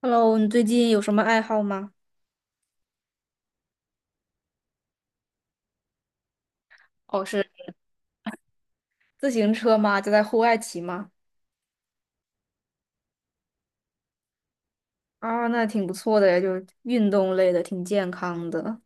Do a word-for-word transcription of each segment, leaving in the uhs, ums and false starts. Hello，你最近有什么爱好吗？哦，是自行车吗？就在户外骑吗？啊，那挺不错的呀，就是运动类的，挺健康的。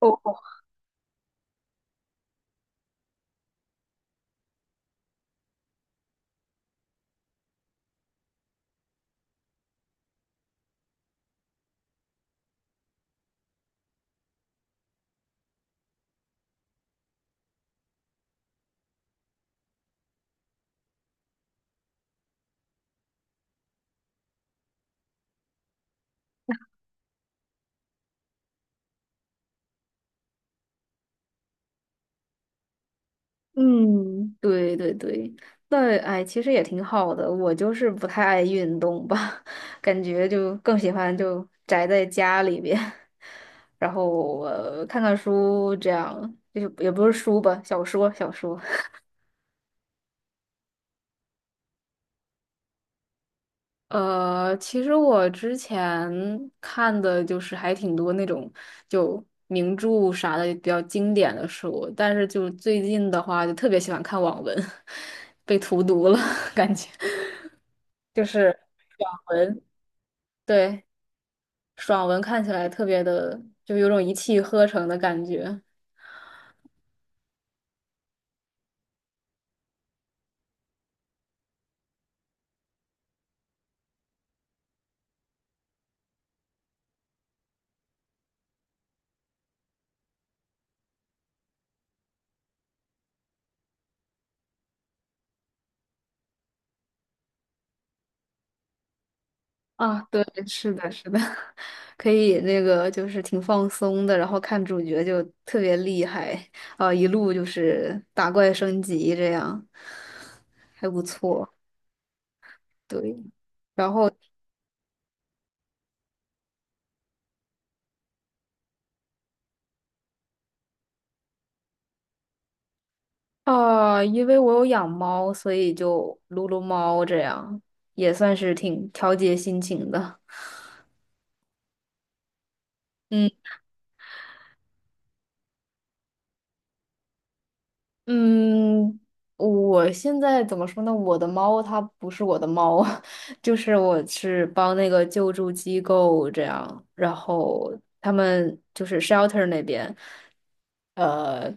哦，嗯，对对对，那哎，其实也挺好的。我就是不太爱运动吧，感觉就更喜欢就宅在家里边，然后呃看看书这样，就是也不是书吧，小说小说。呃，其实我之前看的就是还挺多那种就名著啥的比较经典的书，但是就最近的话，就特别喜欢看网文，被荼毒了，感觉就是爽文，对，爽文看起来特别的，就有种一气呵成的感觉。啊，对，是的，是的，可以那个就是挺放松的，然后看主角就特别厉害啊，一路就是打怪升级这样，还不错。对，然后啊，因为我有养猫，所以就撸撸猫这样，也算是挺调节心情的。嗯。嗯，我现在怎么说呢？我的猫它不是我的猫，就是我是帮那个救助机构这样，然后他们就是 shelter 那边，呃，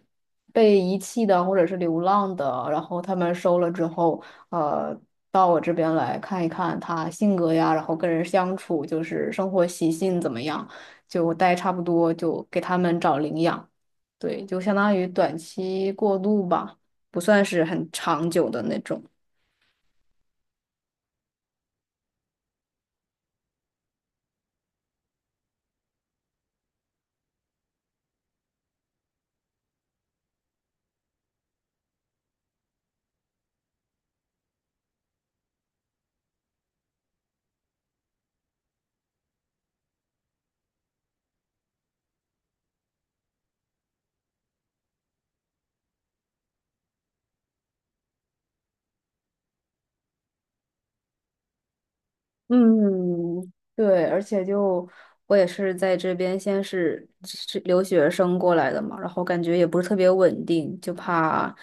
被遗弃的或者是流浪的，然后他们收了之后，呃，到我这边来看一看它性格呀，然后跟人相处，就是生活习性怎么样，就待差不多就给他们找领养。对，就相当于短期过渡吧，不算是很长久的那种。嗯，对，而且就我也是在这边先是是留学生过来的嘛，然后感觉也不是特别稳定，就怕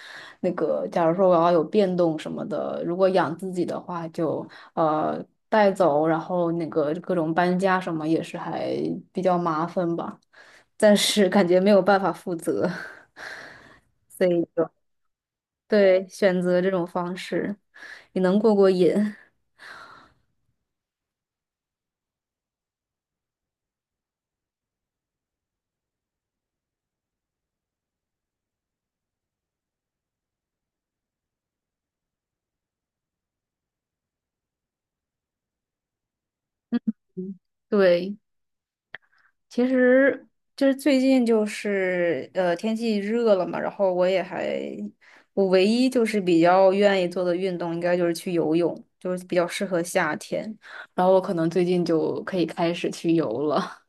那个，假如说我要有变动什么的，如果养自己的话就，呃带走，然后那个各种搬家什么也是还比较麻烦吧，暂时感觉没有办法负责，所以就对，选择这种方式也能过过瘾。对，其实就是最近就是呃天气热了嘛，然后我也还我唯一就是比较愿意做的运动应该就是去游泳，就是比较适合夏天，然后我可能最近就可以开始去游了。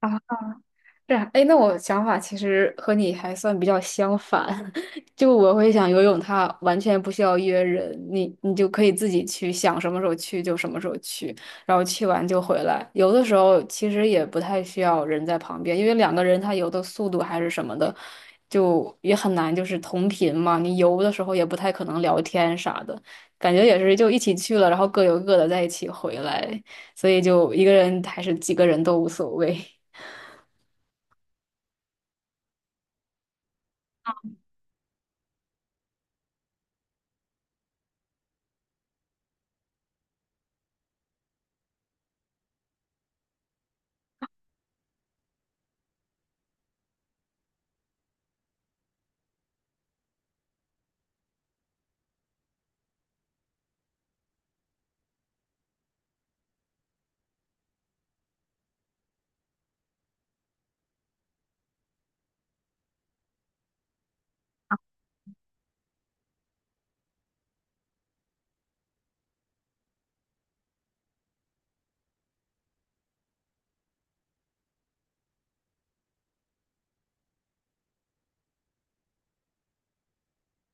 啊。是啊，哎，那我想法其实和你还算比较相反，就我会想游泳，它完全不需要约人，你你就可以自己去，想什么时候去就什么时候去，然后去完就回来。游的时候其实也不太需要人在旁边，因为两个人他游的速度还是什么的，就也很难就是同频嘛。你游的时候也不太可能聊天啥的，感觉也是就一起去了，然后各游各的在一起回来，所以就一个人还是几个人都无所谓。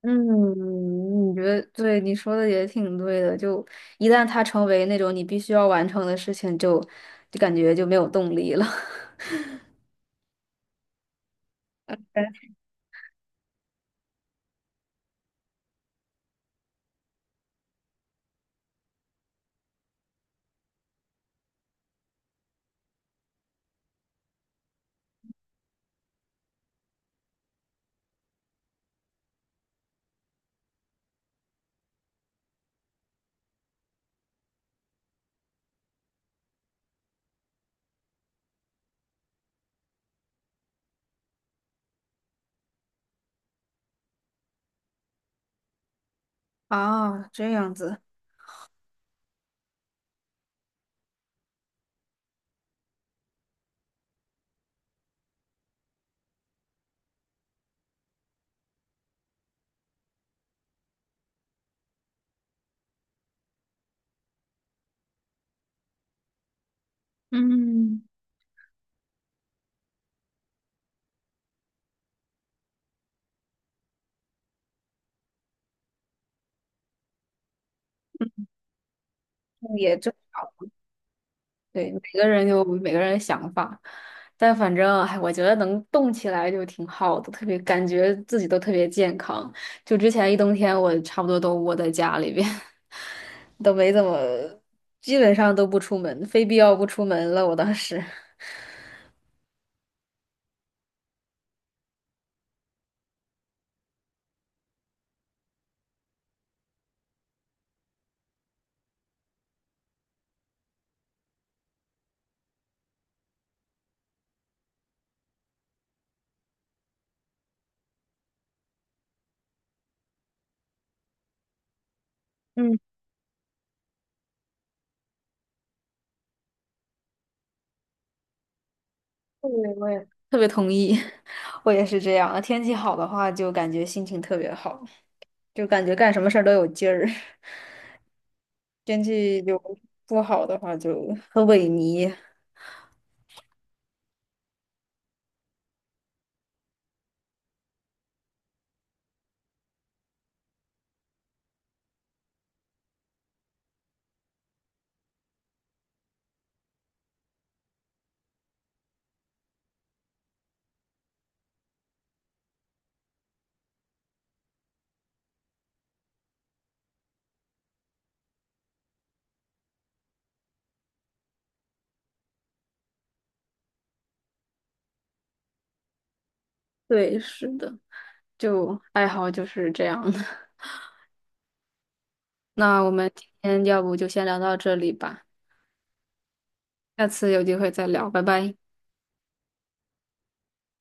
嗯，你觉得对，你说的也挺对的。就一旦它成为那种你必须要完成的事情，就就感觉就没有动力了。对啊，这样子，嗯，也正对，每个人有每个人的想法，但反正，哎，我觉得能动起来就挺好的，特别感觉自己都特别健康。就之前一冬天，我差不多都窝在家里边，都没怎么，基本上都不出门，非必要不出门了。我当时。嗯。对，我也特别同意，我也是这样。天气好的话，就感觉心情特别好，就感觉干什么事儿都有劲儿。天气就不好的话，就很萎靡。对，是的，就爱好就是这样的。那我们今天要不就先聊到这里吧，下次有机会再聊，拜拜。